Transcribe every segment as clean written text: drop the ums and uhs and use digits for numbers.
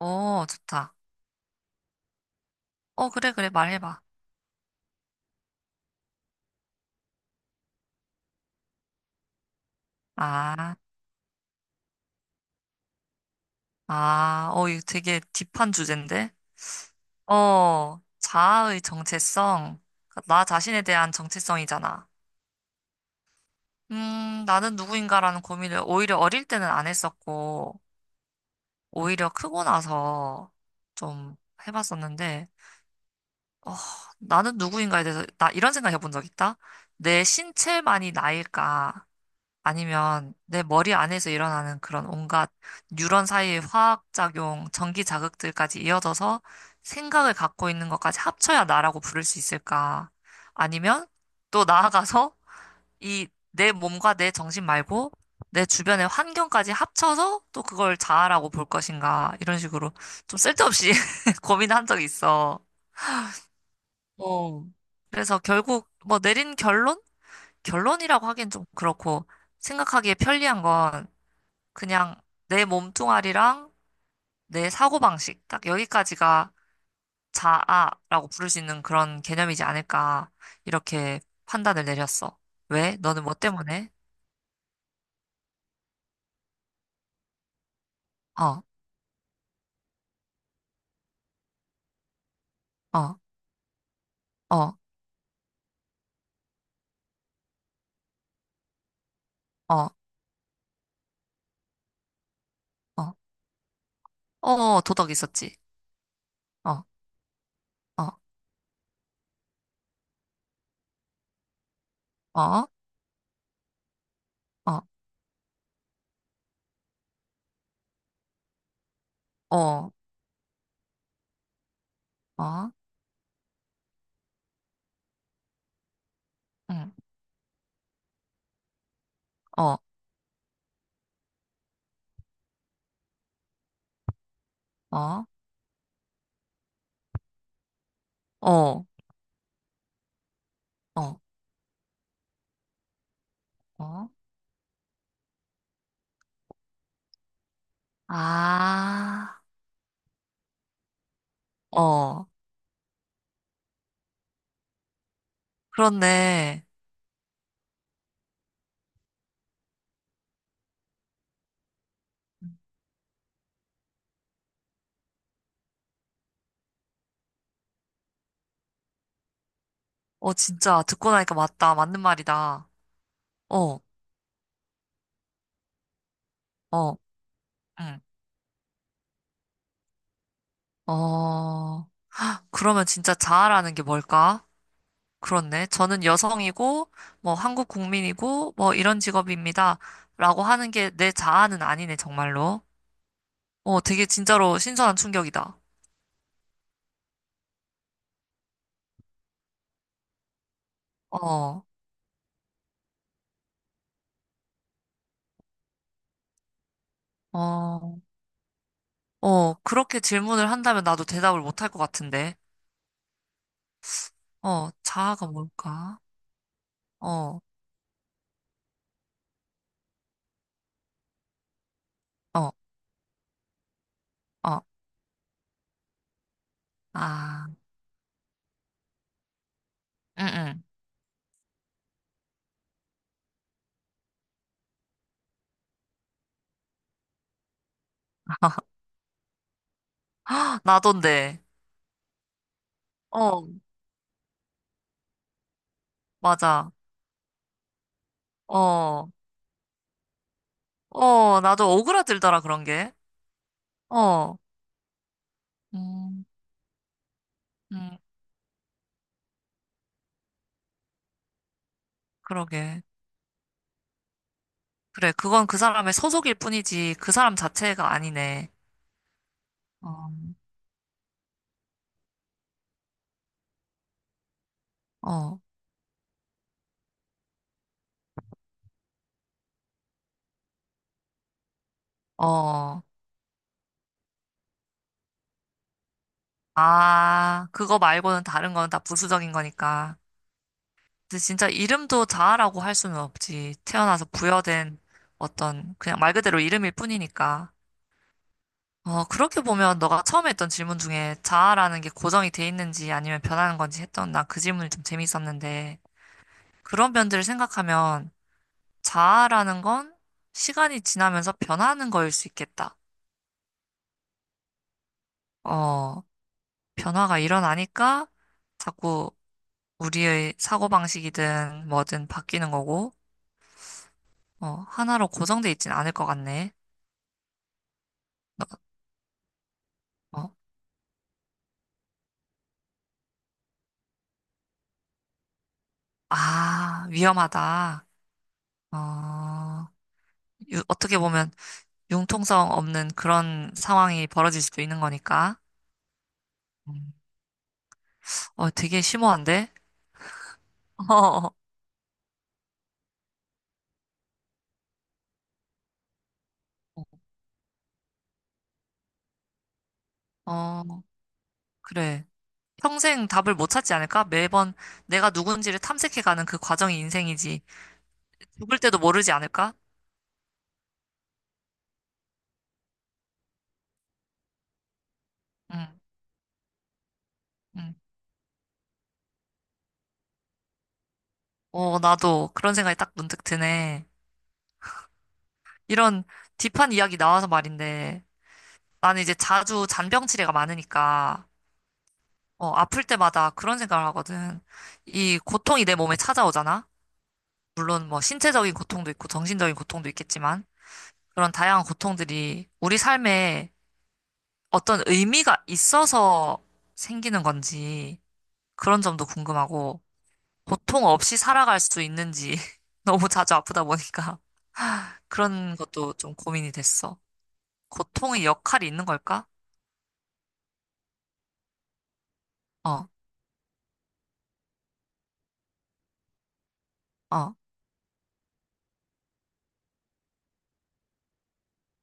오, 좋다. 어, 그래, 그래, 말해봐. 아, 이거 되게 딥한 주제인데? 어, 자아의 정체성. 나 자신에 대한 정체성이잖아. 나는 누구인가라는 고민을 오히려 어릴 때는 안 했었고, 오히려 크고 나서 좀 해봤었는데, 어, 나는 누구인가에 대해서, 나 이런 생각 해본 적 있다? 내 신체만이 나일까? 아니면 내 머리 안에서 일어나는 그런 온갖 뉴런 사이의 화학작용, 전기 자극들까지 이어져서 생각을 갖고 있는 것까지 합쳐야 나라고 부를 수 있을까? 아니면 또 나아가서 이 내 몸과 내 정신 말고 내 주변의 환경까지 합쳐서 또 그걸 자아라고 볼 것인가? 이런 식으로 좀 쓸데없이 고민한 적이 있어. 어. 그래서 결국 뭐 내린 결론? 결론이라고 하긴 좀 그렇고 생각하기에 편리한 건 그냥 내 몸뚱아리랑 내 사고방식, 딱 여기까지가 자아라고 부를 수 있는 그런 개념이지 않을까, 이렇게 판단을 내렸어. 왜? 너는 뭐 때문에? 어, 어, 어, 어, 어, 어, 어, 도덕 있었지. 어, 어, 어, 어, 어, 어, 응, 어, 어, 어, 어, 어, 어. 아, 어, 그렇네. 어, 진짜 듣고 나니까 맞다. 맞는 말이다. 어, 어. 응. 어, 그러면 진짜 자아라는 게 뭘까? 그렇네. 저는 여성이고, 뭐, 한국 국민이고, 뭐, 이런 직업입니다. 라고 하는 게 내 자아는 아니네, 정말로. 어, 되게 진짜로 신선한 충격이다. 어, 어, 어, 그렇게 질문을 한다면 나도 대답을 못 할 것 같은데. 어, 자아가 뭘까? 어, 어, 어, 아, 응, 응. 헉, 나던데. 어, 맞아. 어, 어, 나도 오그라들더라, 그런 게. 어. 음, 음, 그러게. 그래, 그건 그 사람의 소속일 뿐이지, 그 사람 자체가 아니네. 어, 어, 어. 아, 그거 말고는 다른 건 다 부수적인 거니까. 근데 진짜 이름도 자아라고 할 수는 없지. 태어나서 부여된 어떤, 그냥 말 그대로 이름일 뿐이니까. 어, 그렇게 보면 너가 처음에 했던 질문 중에 자아라는 게 고정이 돼 있는지 아니면 변하는 건지 했던 난 그 질문이 좀 재밌었는데, 그런 면들을 생각하면 자아라는 건 시간이 지나면서 변하는 거일 수 있겠다. 어, 변화가 일어나니까 자꾸 우리의 사고방식이든 뭐든 바뀌는 거고, 어, 하나로 고정돼 있진 않을 것 같네. 어, 어. 아, 위험하다. 어, 어떻게 보면 융통성 없는 그런 상황이 벌어질 수도 있는 거니까. 음. 어, 되게 심오한데? 어, 어, 그래. 평생 답을 못 찾지 않을까? 매번 내가 누군지를 탐색해가는 그 과정이 인생이지. 죽을 때도 모르지 않을까? 응, 응. 어, 나도 그런 생각이 딱 문득 드네. 이런 딥한 이야기 나와서 말인데, 나는 이제 자주 잔병치레가 많으니까, 어, 아플 때마다 그런 생각을 하거든. 이 고통이 내 몸에 찾아오잖아? 물론 뭐 신체적인 고통도 있고 정신적인 고통도 있겠지만, 그런 다양한 고통들이 우리 삶에 어떤 의미가 있어서 생기는 건지, 그런 점도 궁금하고, 고통 없이 살아갈 수 있는지 너무 자주 아프다 보니까 그런 것도 좀 고민이 됐어. 고통의 역할이 있는 걸까? 어, 어.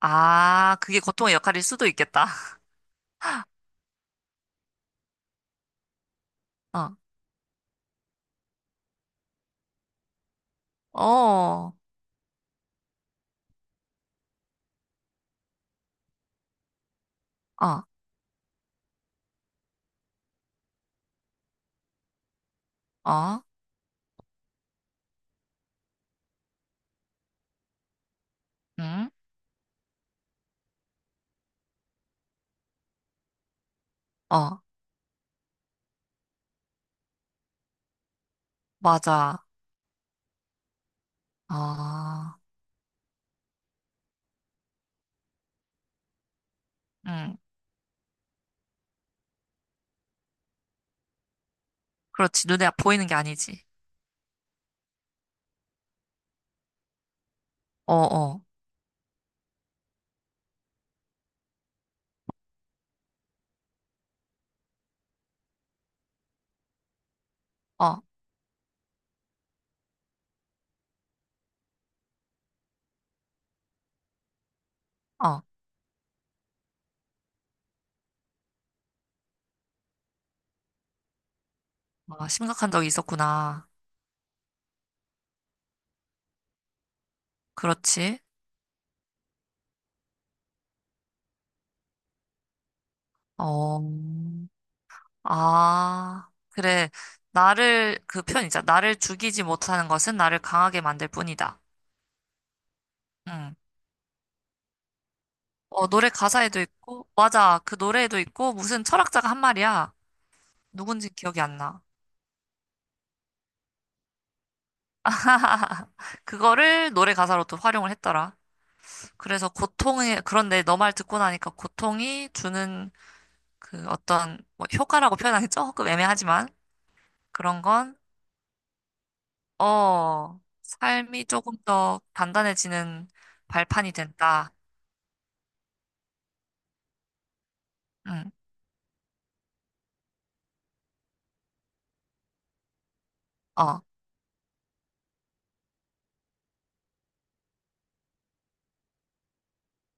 아, 그게 고통의 역할일 수도 있겠다. 어, 어, 어, 어, 응, 어, 맞아. 어, 응. 그렇지. 눈에 보이는 게 아니지. 어, 어, 어, 어. 아, 심각한 적이 있었구나. 그렇지. 어. 아, 그래. 나를, 그 편 있잖아. 나를 죽이지 못하는 것은 나를 강하게 만들 뿐이다. 응. 어, 노래 가사에도 있고, 맞아. 그 노래에도 있고, 무슨 철학자가 한 말이야. 누군지 기억이 안 나. 그거를 노래 가사로 또 활용을 했더라. 그래서 고통에, 그런데 너 말 듣고 나니까 고통이 주는 그 어떤, 뭐, 효과라고 표현하기 조금 애매하지만, 그런 건, 어, 삶이 조금 더 단단해지는 발판이 된다. 응, 어,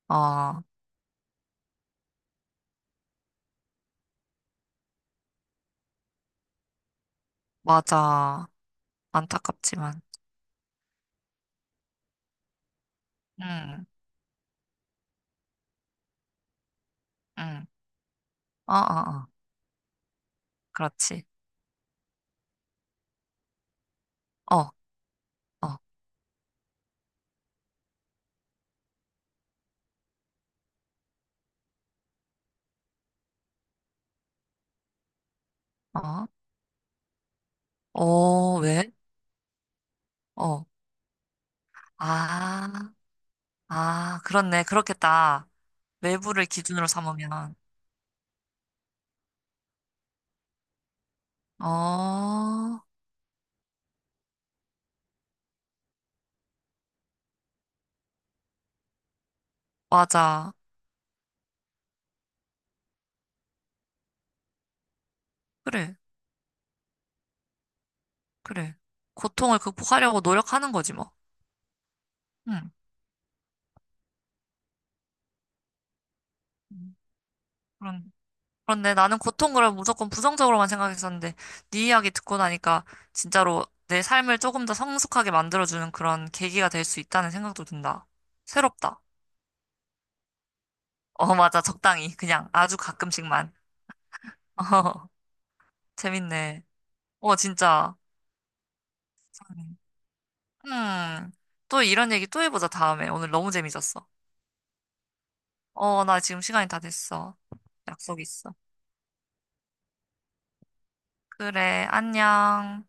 어, 맞아. 안타깝지만. 응, 응, 어, 어, 어, 그렇지. 어, 어, 어, 어, 왜? 어, 아, 아, 그렇네. 그렇겠다. 외부를 기준으로 삼으면. 어, 맞아. 그래, 그래. 고통을 극복하려고 노력하는 거지, 뭐. 응, 응, 그런데 나는 고통을 무조건 부정적으로만 생각했었는데 네 이야기 듣고 나니까 진짜로 내 삶을 조금 더 성숙하게 만들어주는 그런 계기가 될 수 있다는 생각도 든다. 새롭다. 어, 맞아. 적당히. 그냥 아주 가끔씩만. 재밌네. 어, 진짜. 음, 또 이런 얘기 또 해보자, 다음에. 오늘 너무 재밌었어. 어, 나 지금 시간이 다 됐어. 약속 있어. 그래, 안녕.